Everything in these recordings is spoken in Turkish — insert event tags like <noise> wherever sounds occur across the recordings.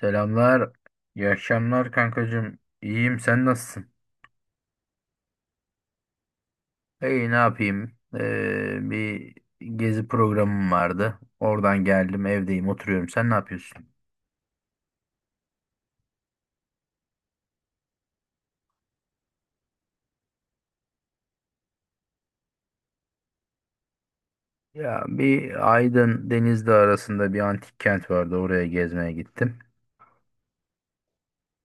Selamlar. İyi akşamlar kankacığım. İyiyim, sen nasılsın? İyi, ne yapayım? Bir gezi programım vardı. Oradan geldim, evdeyim, oturuyorum. Sen ne yapıyorsun? Ya bir Aydın Denizli arasında bir antik kent vardı. Oraya gezmeye gittim.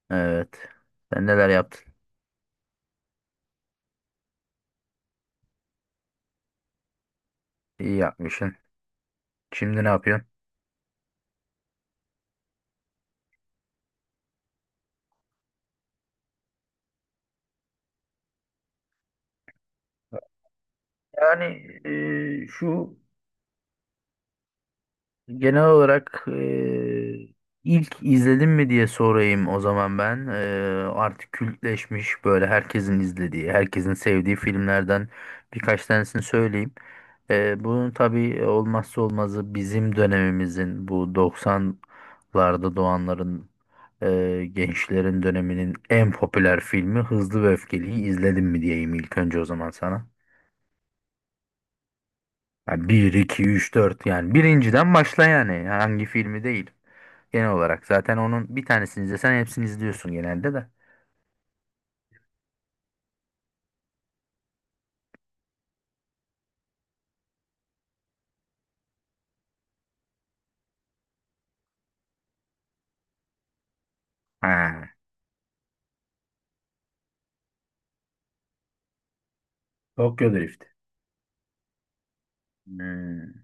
Evet. Sen neler yaptın? İyi yapmışsın. Şimdi ne yapıyorsun? Yani e, şu genel olarak ilk izledim mi diye sorayım o zaman ben. Artık kültleşmiş, böyle herkesin izlediği, herkesin sevdiği filmlerden birkaç tanesini söyleyeyim. Bunun tabii olmazsa olmazı, bizim dönemimizin, bu 90'larda doğanların, gençlerin döneminin en popüler filmi Hızlı ve Öfkeli'yi izledim mi diyeyim ilk önce o zaman sana. Yani 1, 2, 3, 4, yani birinciden başla, yani hangi filmi değil. Genel olarak zaten onun bir tanesini izlesen hepsini izliyorsun genelde de. Ha. Tokyo Drift. Hmm.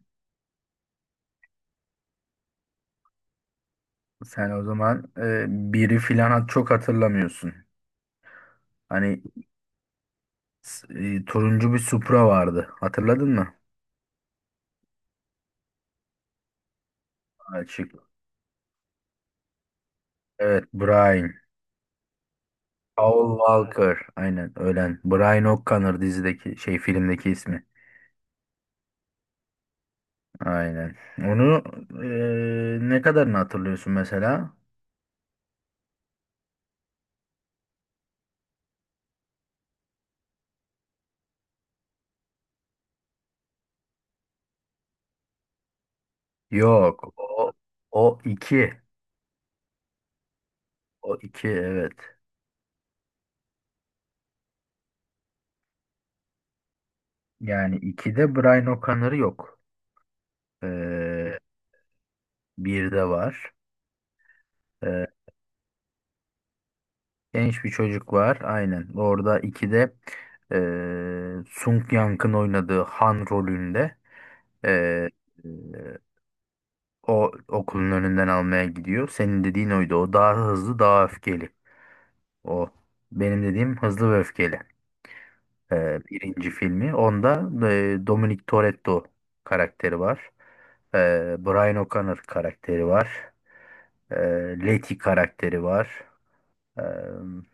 Sen o zaman biri filan çok hatırlamıyorsun. Hani s- turuncu bir Supra vardı. Hatırladın mı? Açık. Evet, Brian. Paul Walker. Aynen, ölen. Brian O'Connor dizideki şey, filmdeki ismi. Aynen. Onu ne kadarını hatırlıyorsun mesela? Yok. O iki. O iki, evet. Yani ikide Brian O'Connor'ı yok. Eee Birde var. Eee, Genç bir çocuk var. Aynen. Orada ikide eee Sung Yang'ın oynadığı Han rolünde eee eee, o okulun önünden almaya gidiyor. Senin dediğin oydu. O daha hızlı, daha öfkeli. O. Benim dediğim hızlı ve öfkeli. Birinci filmi. Onda Dominic Toretto karakteri var. Brian O'Connor karakteri var. Ee, Letty karakteri var. Ee,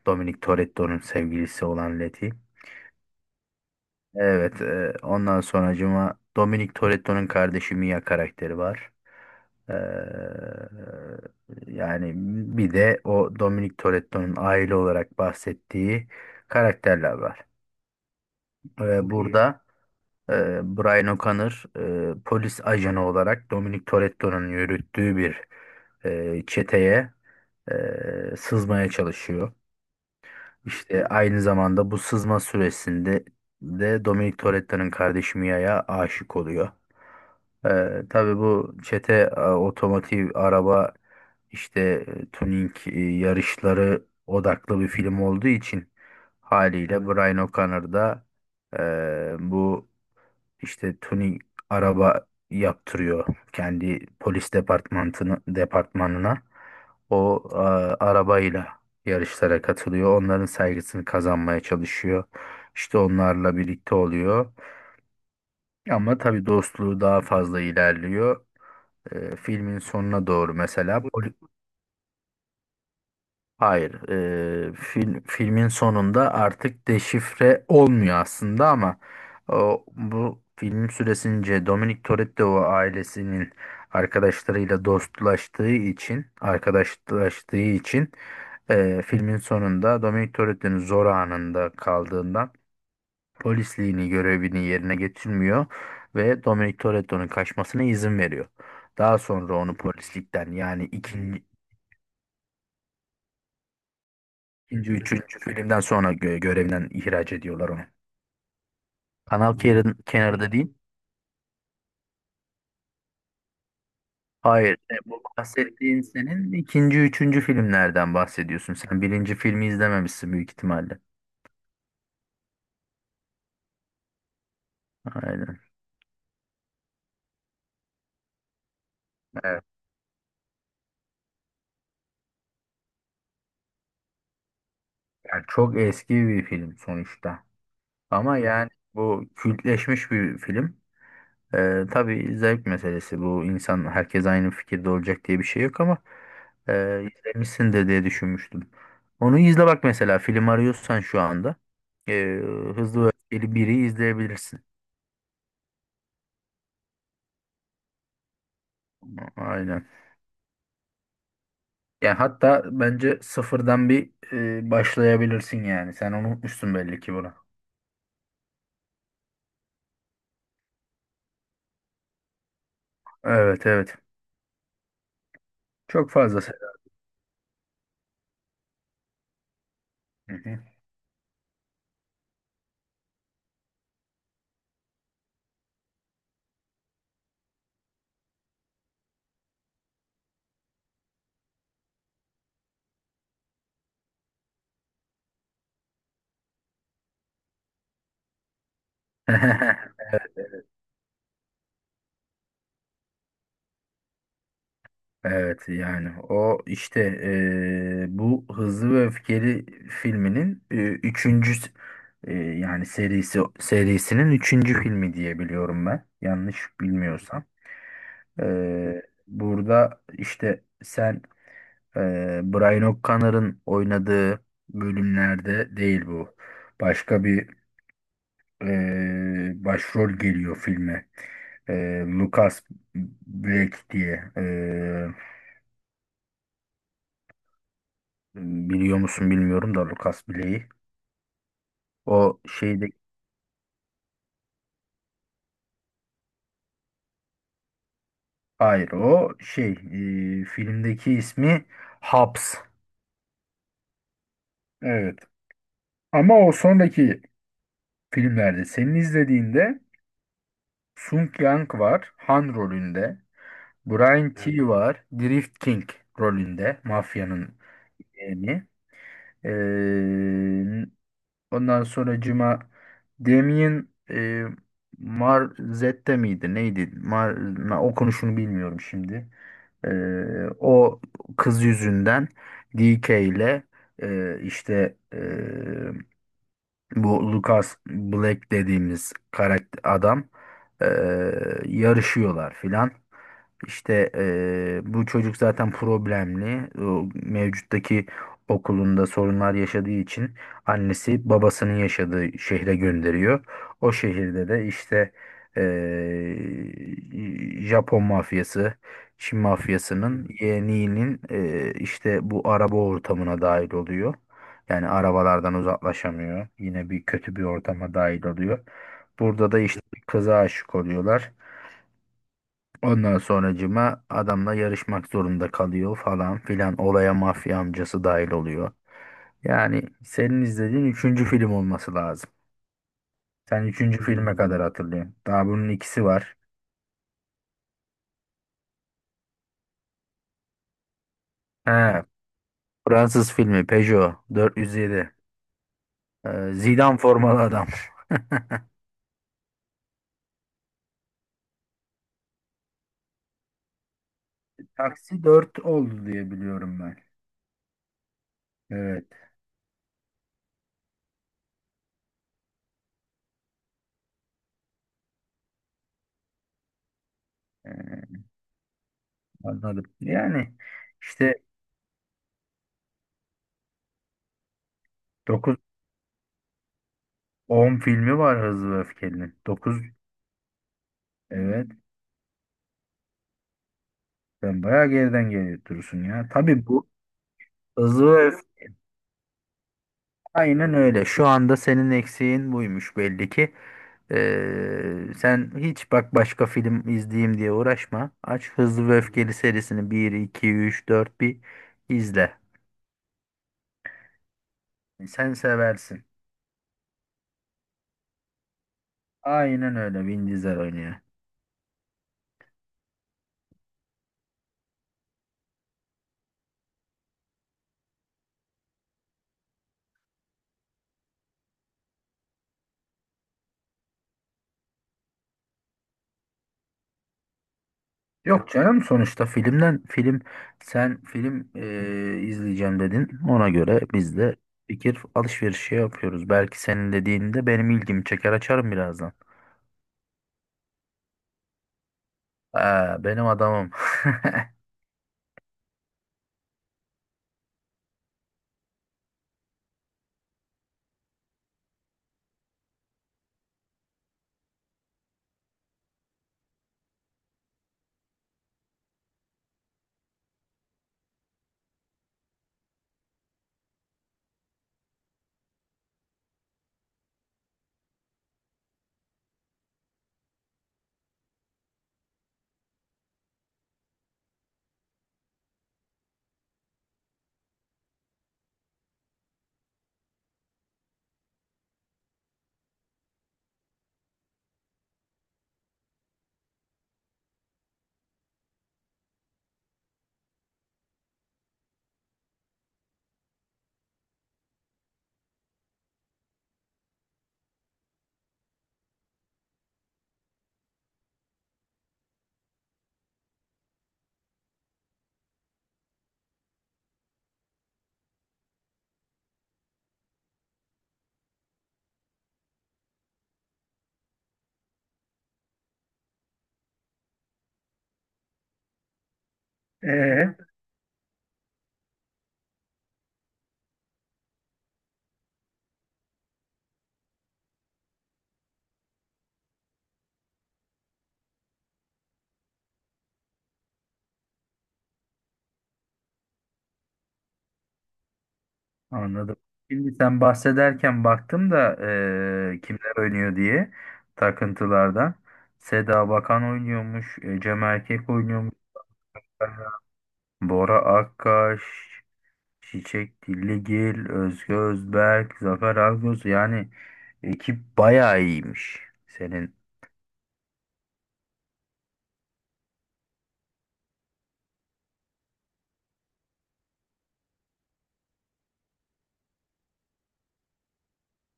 Dominic Toretto'nun sevgilisi olan Letty. Evet. Ondan sonracıma Dominic Toretto'nun kardeşi Mia karakteri var. Ee, Yani bir de o Dominic Toretto'nun aile olarak bahsettiği karakterler var. Ve burada e, Brian O'Connor polis ajanı olarak Dominic Toretto'nun yürüttüğü bir çeteye sızmaya çalışıyor. İşte aynı zamanda bu sızma süresinde de Dominic Toretto'nun kardeşi Mia'ya aşık oluyor. Tabii bu çete otomotiv, araba işte, tuning, yarışları odaklı bir film olduğu için haliyle. Evet. Brian O'Connor da bu işte tuning araba yaptırıyor kendi polis departmanına. O arabayla yarışlara katılıyor. Onların saygısını kazanmaya çalışıyor. İşte onlarla birlikte oluyor. Ama tabii dostluğu daha fazla ilerliyor. Filmin sonuna doğru mesela hayır, filmin sonunda artık deşifre olmuyor aslında, ama bu film süresince Dominic Toretto ailesinin arkadaşlarıyla dostlaştığı için, arkadaşlaştığı için, filmin sonunda Dominic Toretto'nun zor anında kaldığından polisliğini, görevini yerine getirmiyor ve Dominic Toretto'nun kaçmasına izin veriyor. Daha sonra onu polislikten, yani İkinci, üçüncü filmden sonra görevinden ihraç ediyorlar onu. Kanal kenarında değil. Hayır, bu bahsettiğin senin ikinci, üçüncü filmlerden bahsediyorsun. Sen birinci filmi izlememişsin büyük ihtimalle. Aynen. Evet. Yani çok eski bir film sonuçta. Ama yani bu kültleşmiş bir film. Tabii zevk meselesi bu, insan herkes aynı fikirde olacak diye bir şey yok ama izlemişsindir diye düşünmüştüm. Onu izle bak, mesela film arıyorsan şu anda e, Hızlı ve Öfkeli 1'i izleyebilirsin. Aynen. Yani hatta bence sıfırdan bir başlayabilirsin yani. Sen unutmuşsun belli ki bunu. Evet, evet. Çok fazla sever. Hı hı. <laughs> Evet, yani o işte bu Hızlı ve Öfkeli filminin, eee, yani serisinin üçüncü filmi diye biliyorum ben, yanlış bilmiyorsam. Burada işte sen Brian O'Connor'ın oynadığı bölümlerde değil bu. Başka bir başrol geliyor filme. Lucas Black diye. Biliyor musun bilmiyorum da Lucas Blake'i. O şeyde, hayır o şey, filmdeki ismi Hobbs. Evet. Ama o sonraki filmlerde senin izlediğinde Sung Yang var Han rolünde. Brian. Evet. T var Drift King rolünde, mafyanın yeğeni. Ee, Ondan sonra Cuma Damien, Marzette miydi? Neydi? Okunuşunu bilmiyorum şimdi. E, O kız yüzünden DK ile, e, işte e, bu Lucas Black dediğimiz karakter adam, eee, yarışıyorlar filan. İşte bu çocuk zaten problemli. O mevcuttaki okulunda sorunlar yaşadığı için annesi babasının yaşadığı şehre gönderiyor. O şehirde de işte Japon mafyası, Çin mafyasının yeğeninin, işte bu araba ortamına dahil oluyor. Yani arabalardan uzaklaşamıyor. Yine bir kötü bir ortama dahil oluyor. Burada da işte bir kıza aşık oluyorlar. Ondan sonracıma adamla yarışmak zorunda kalıyor falan filan. Olaya mafya amcası dahil oluyor. Yani senin izlediğin üçüncü film olması lazım. Sen üçüncü filme kadar hatırlıyorsun. Daha bunun ikisi var. He. Fransız filmi Peugeot 407. Zidane formalı adam. <laughs> Taksi 4 oldu diye biliyorum ben. Evet, yani. Anladım. Yani işte dokuz on filmi var Hızlı ve Öfkeli'nin. Dokuz, evet, sen bayağı geriden geliyorsun ya. Tabii bu Hızlı ve Öfkeli, aynen öyle. Şu anda senin eksiğin buymuş belli ki. Sen hiç bak başka film izleyeyim diye uğraşma. Aç Hızlı ve Öfkeli serisini, bir, iki, üç, dört, bir izle. Sen seversin. Aynen öyle, Vin Diesel oynuyor. Yok canım, sonuçta filmden film, sen film izleyeceğim dedin. Ona göre biz de fikir alışverişi yapıyoruz. Belki senin dediğinde benim ilgimi çeker, açarım birazdan. Aa, benim adamım. <laughs> Ee, Anladım. Şimdi sen bahsederken baktım da kimler oynuyor diye takıntılardan. Seda Bakan oynuyormuş, Cem Erkek oynuyormuş, Bora Akkaş, Çiçek Dilligil, Özge Özberk, Zafer Algöz, yani ekip bayağı iyiymiş. Senin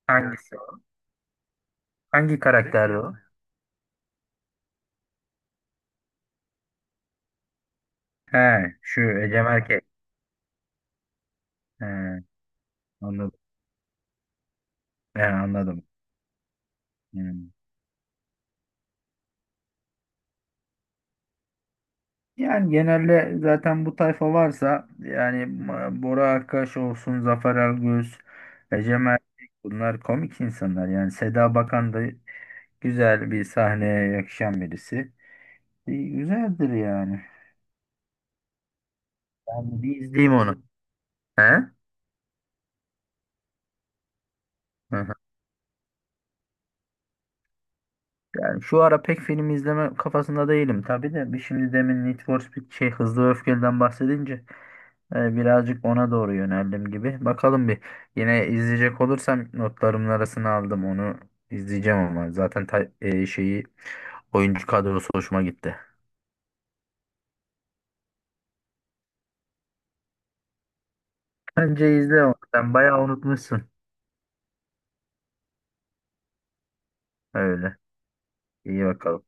hangisi? O? Hangi karakterdi o? He, şu Ecem Erkek. He, anladım. He, anladım. Hmm. Yani genelde zaten bu tayfa varsa yani, Bora Akkaş olsun, Zafer Algöz, Ecem Erkek, bunlar komik insanlar. Yani Seda Bakan da güzel bir sahneye yakışan birisi. Güzeldir yani. Ben bir izleyeyim onu. He? Hı hı. Yani şu ara pek film izleme kafasında değilim tabii de bir, şimdi demin Need for Speed, Hızlı ve Öfkeli'den bahsedince birazcık ona doğru yöneldim gibi. Bakalım, bir yine izleyecek olursam notlarımın arasına aldım onu, izleyeceğim, ama zaten şeyi, oyuncu kadrosu hoşuma gitti. Bence izle onu. Sen bayağı unutmuşsun. Öyle. İyi bakalım.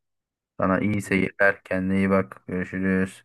Sana iyi seyirler. Kendine iyi bak. Görüşürüz.